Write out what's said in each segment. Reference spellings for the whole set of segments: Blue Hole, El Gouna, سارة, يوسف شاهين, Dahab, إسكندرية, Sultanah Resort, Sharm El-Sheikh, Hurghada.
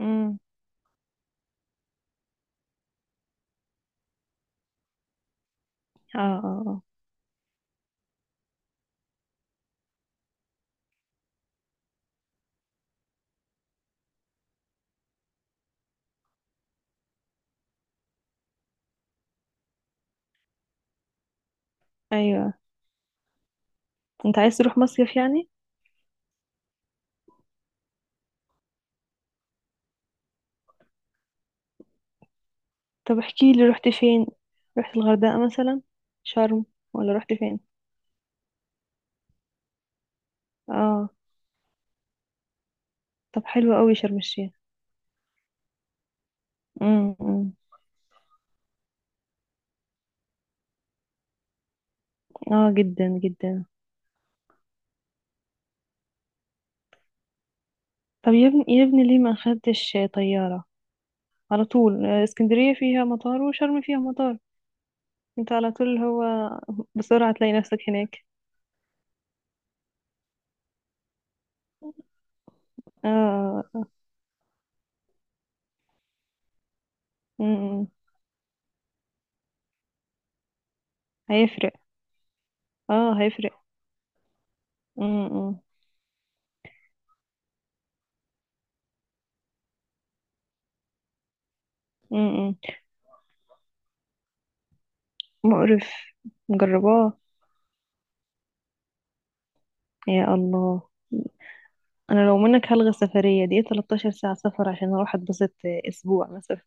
امم. اه. اه. اه. ايوه. انت عايز تروح مصيف يعني؟ طب احكي لي، رحت فين؟ رحت الغردقة مثلا؟ شرم؟ ولا رحت فين؟ اه. طب حلو قوي شرم الشيخ. امم. أمم. اه، جدا جدا. طب يا ابني يا ابني، ليه ما خدتش طيارة على طول؟ اسكندرية فيها مطار وشرم فيها مطار، انت على طول هو بسرعة تلاقي نفسك هناك. اه. امم. هيفرق. اه، هيفرق. امم. أمم. أمم. مقرف. مجرباه. يا الله. انا لو منك هلغي السفريه دي، 13 ساعه سفر عشان اروح اتبسط اسبوع مثلا؟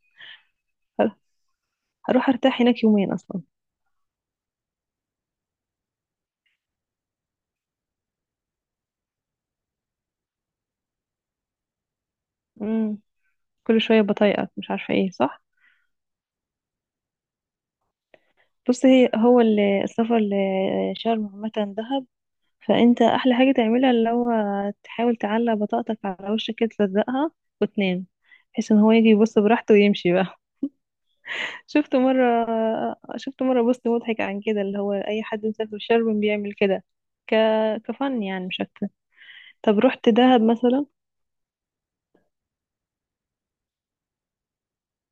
هروح ارتاح هناك يومين اصلا. امم. كل شويه بطايقك مش عارفه ايه، صح؟ بص، هي هو السفر لشرم عامه، دهب، فانت احلى حاجه تعملها اللي هو تحاول تعلق بطاقتك على وشك كده، تلزقها وتنام، بحيث ان هو يجي يبص براحته ويمشي بقى. شفت مره شفت مره بوست مضحك عن كده، اللي هو اي حد مسافر شرم بيعمل كده. ك كفن يعني، مش اكتر. طب رحت دهب مثلا؟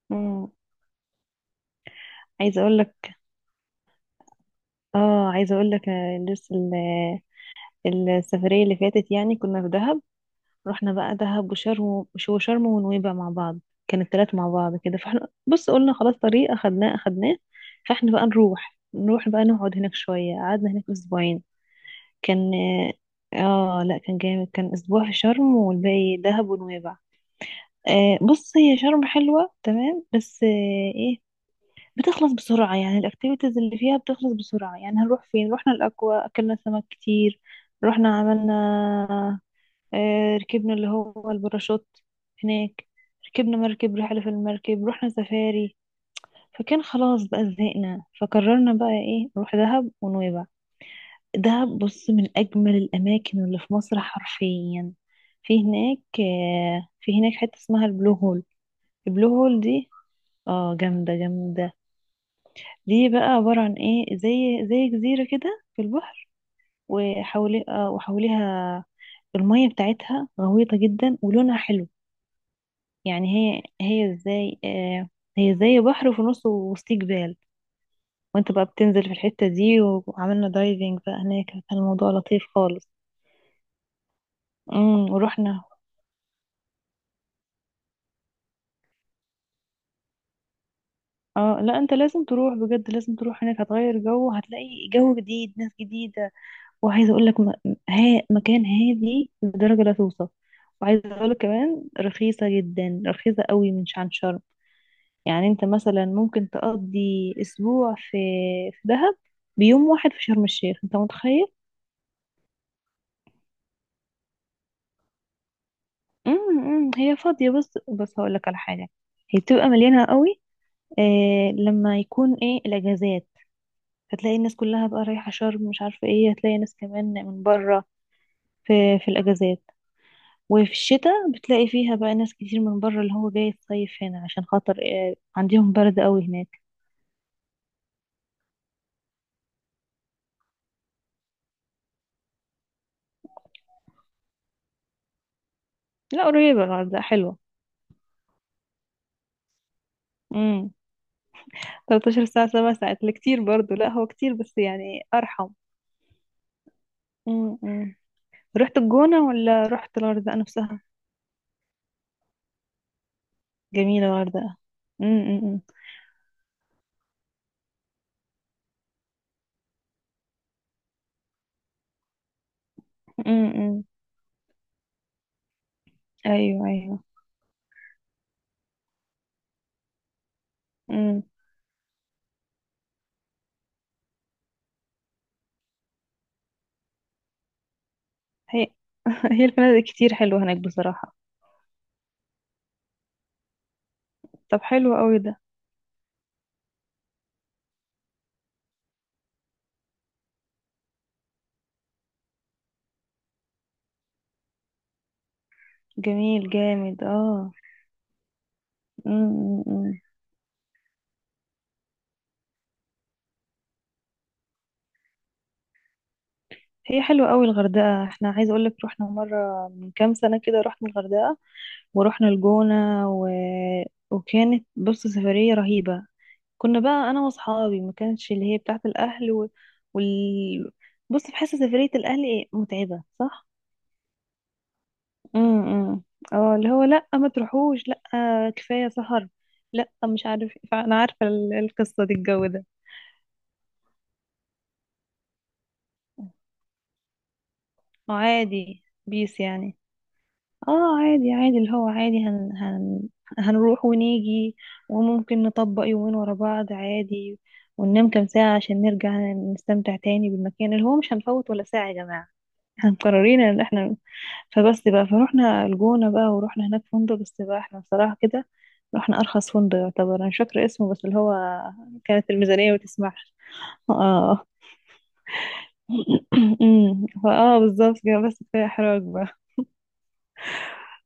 مم. عايزه اقول لك، اه عايزه اقول لك، لسه السفريه اللي فاتت يعني كنا في دهب. رحنا بقى دهب وشرم شرم ونويبع مع بعض، كان التلات مع بعض كده. فاحنا، بص، قلنا خلاص، طريق اخدناه اخدناه. فاحنا بقى نروح، بقى نقعد هناك شويه، قعدنا هناك اسبوعين. كان اه آه، لا، كان جامد. كان اسبوع في شرم والباقي دهب ونويبع. بص، هي شرم حلوه تمام، بس ايه، بتخلص بسرعة، يعني الأكتيفيتيز اللي فيها بتخلص بسرعة. يعني هنروح فين؟ رحنا الأكوا، أكلنا سمك كتير، رحنا عملنا، ركبنا اللي هو الباراشوت هناك، ركبنا مركب، رحلة في المركب، رحنا سفاري. فكان خلاص بقى، زهقنا، فقررنا بقى ايه، نروح دهب ونويبع. دهب بص من أجمل الأماكن اللي في مصر حرفيا. في هناك حتة اسمها البلو هول. البلو هول دي اه، جامدة جامدة. دي بقى عبارة عن ايه، زي جزيرة كده في البحر، وحولي آه، وحواليها المية بتاعتها غويطة جدا ولونها حلو يعني. هي هي زي آه، هي زي بحر وفي نصه وسط جبال، وانت بقى بتنزل في الحتة دي، وعملنا دايفنج بقى هناك، كان الموضوع لطيف خالص. امم، ورحنا. اه لا، انت لازم تروح بجد، لازم تروح هناك، هتغير جو، هتلاقي جو جديد، ناس جديدة. وعايزه اقول لك، مكان هادي لدرجه لا توصف. وعايزه اقول لك كمان، رخيصه جدا، رخيصه قوي عن شرم. يعني انت مثلا ممكن تقضي اسبوع في دهب بيوم واحد في شرم الشيخ، انت متخيل؟ امم، هي فاضيه بس، هقول لك على حاجه. هي بتبقى مليانه قوي لما يكون ايه الاجازات، فتلاقي الناس كلها بقى رايحه شرم، مش عارفه ايه، هتلاقي ناس كمان من بره في الاجازات. وفي الشتاء بتلاقي فيها بقى ناس كتير من بره، اللي هو جاي الصيف هنا عشان خاطر عندهم برد قوي هناك. لا قريبة، الغردقة حلوة. امم. 13 ساعة، 7 ساعات، لا كتير برضو. لا، هو كتير، بس يعني أرحم. امم. أمم. رحت الجونة ولا رحت الغردقة نفسها؟ جميلة الغردقة. امم. أمم. أمم. أيوه، أيوه. امم. هي هي الفنادق كتير حلوة هناك بصراحة. طب حلو قوي ده. جميل جامد، اه. امم. أمم. هي حلوة قوي الغردقة. احنا عايزة اقولك، رحنا مرة من كام سنة كده، رحنا الغردقة ورحنا الجونة. و... وكانت، بص، سفرية رهيبة. كنا بقى انا واصحابي، ما كانتش اللي هي بتاعت الاهل. و... وال بص، بحس سفرية الاهل ايه، متعبة، صح؟ امم. إمم. اه اللي هو لا، ما تروحوش، لا، كفاية سهر، لا، مش عارف. انا عارفة القصة دي، الجو ده عادي، بيس يعني. اه، عادي عادي، اللي هو عادي. هن هن هنروح ونيجي، وممكن نطبق يومين ورا بعض عادي، وننام كام ساعة عشان نرجع نستمتع تاني بالمكان، اللي هو مش هنفوت ولا ساعة يا جماعة. احنا مقررين ان احنا. فبس بقى، فروحنا الجونة بقى، ورحنا هناك فندق، بس بقى احنا بصراحة كده رحنا أرخص فندق يعتبر. أنا مش فاكرة اسمه، بس اللي هو كانت الميزانية ما تسمحش. اه. أمم. فاه بالظبط كده، بس كفاية إحراج بقى.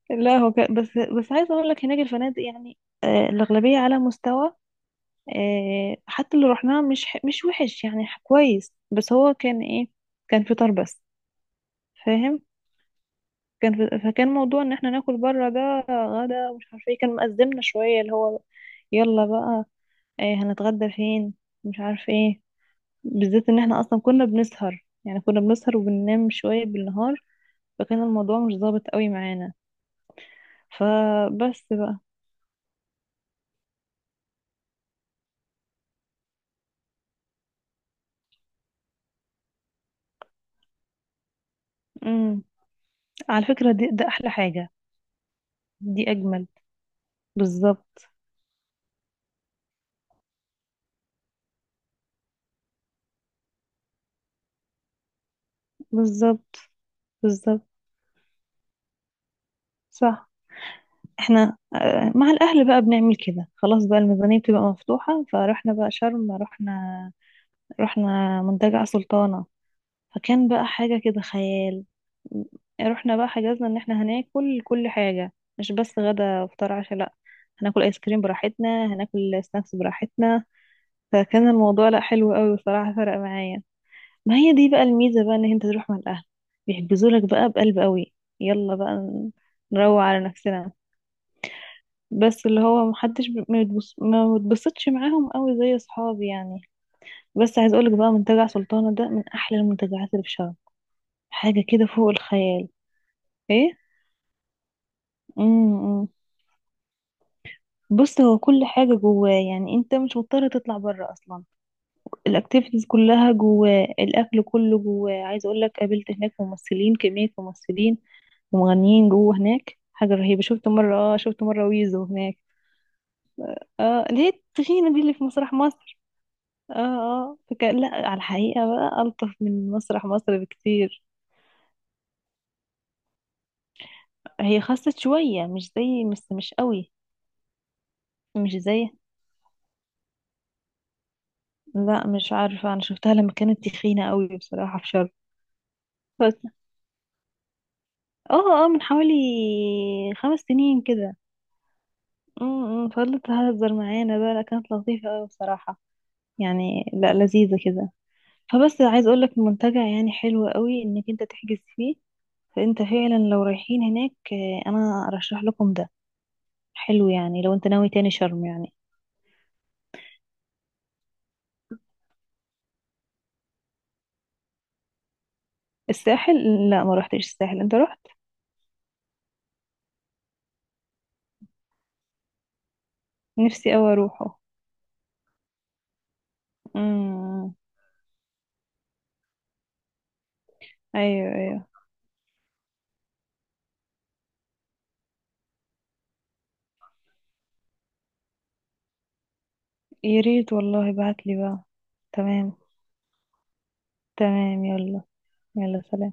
لا، هو بس عايزه اقول لك هناك الفنادق يعني، الاغلبيه على مستوى. حتى اللي رحناه، مش وحش يعني، كويس. بس هو كان ايه، كان فطار بس. فاهم؟ فكان موضوع ان احنا ناكل بره، ده غدا ومش عارفه ايه، كان مأزمنا شويه، اللي هو، يلا بقى، هنتغدى فين، مش عارفه ايه. بالذات ان احنا اصلا كنا بنسهر، يعني كنا بنسهر وبننام شويه بالنهار، فكان الموضوع مش ظابط قوي معانا. فبس. بقى على فكرة ده أحلى حاجة. دي أجمل. بالظبط. بالظبط. بالظبط، صح. احنا، مع الأهل بقى بنعمل كده، خلاص بقى الميزانية بتبقى مفتوحة، فرحنا بقى شرم، رحنا، رحنا منتجع سلطانة. فكان بقى حاجة كده خيال. رحنا بقى حجزنا ان احنا هناكل كل حاجة، مش بس غدا وفطار عشاء، لا، هناكل ايس كريم براحتنا، هناكل سناكس براحتنا. فكان الموضوع، لا، حلو قوي بصراحة، فرق معايا. ما هي دي بقى الميزة بقى، ان انت تروح مع الاهل بيحجزوا لك بقى بقلب قوي، يلا بقى نروق على نفسنا. بس اللي هو محدش ما بتبسطش معاهم قوي زي اصحابي يعني. بس عايز اقولك بقى منتجع سلطانة ده من احلى المنتجعات اللي في شرم، حاجة كده فوق الخيال. ايه. امم. بص، هو كل حاجة جواه، يعني انت مش مضطر تطلع بره اصلا، الاكتيفيتيز كلها جواه، الاكل كله جواه. عايز اقولك قابلت هناك ممثلين، كمية ممثلين ومغنيين جوه هناك، حاجة رهيبة. شفت مرة ويزو هناك. اه، اللي هي التخينة دي اللي في مسرح مصر. اه، اه، فكان لا، على الحقيقة بقى ألطف من مسرح مصر بكتير. هي خست شوية، مش زي، بس مش قوي. مش زي. لا، مش عارفة، أنا شفتها لما كانت تخينة قوي بصراحة في شرم. بس. اه، اه، من حوالي 5 سنين كده. امم، فضلت تهزر معانا بقى، لا كانت لطيفة قوي بصراحة، يعني لا، لذيذة كده. فبس عايز اقول لك المنتجع يعني حلو قوي انك انت تحجز فيه. فانت فعلا لو رايحين هناك، انا ارشح لكم ده. حلو يعني لو انت ناوي تاني شرم يعني. الساحل؟ لا، ما روحتش الساحل، انت رحت؟ نفسي اوي اروحه. امم. ايوه، ايوه. يا ريت والله، ابعت لي بقى. تمام. تمام، يلا. يلا، سلام.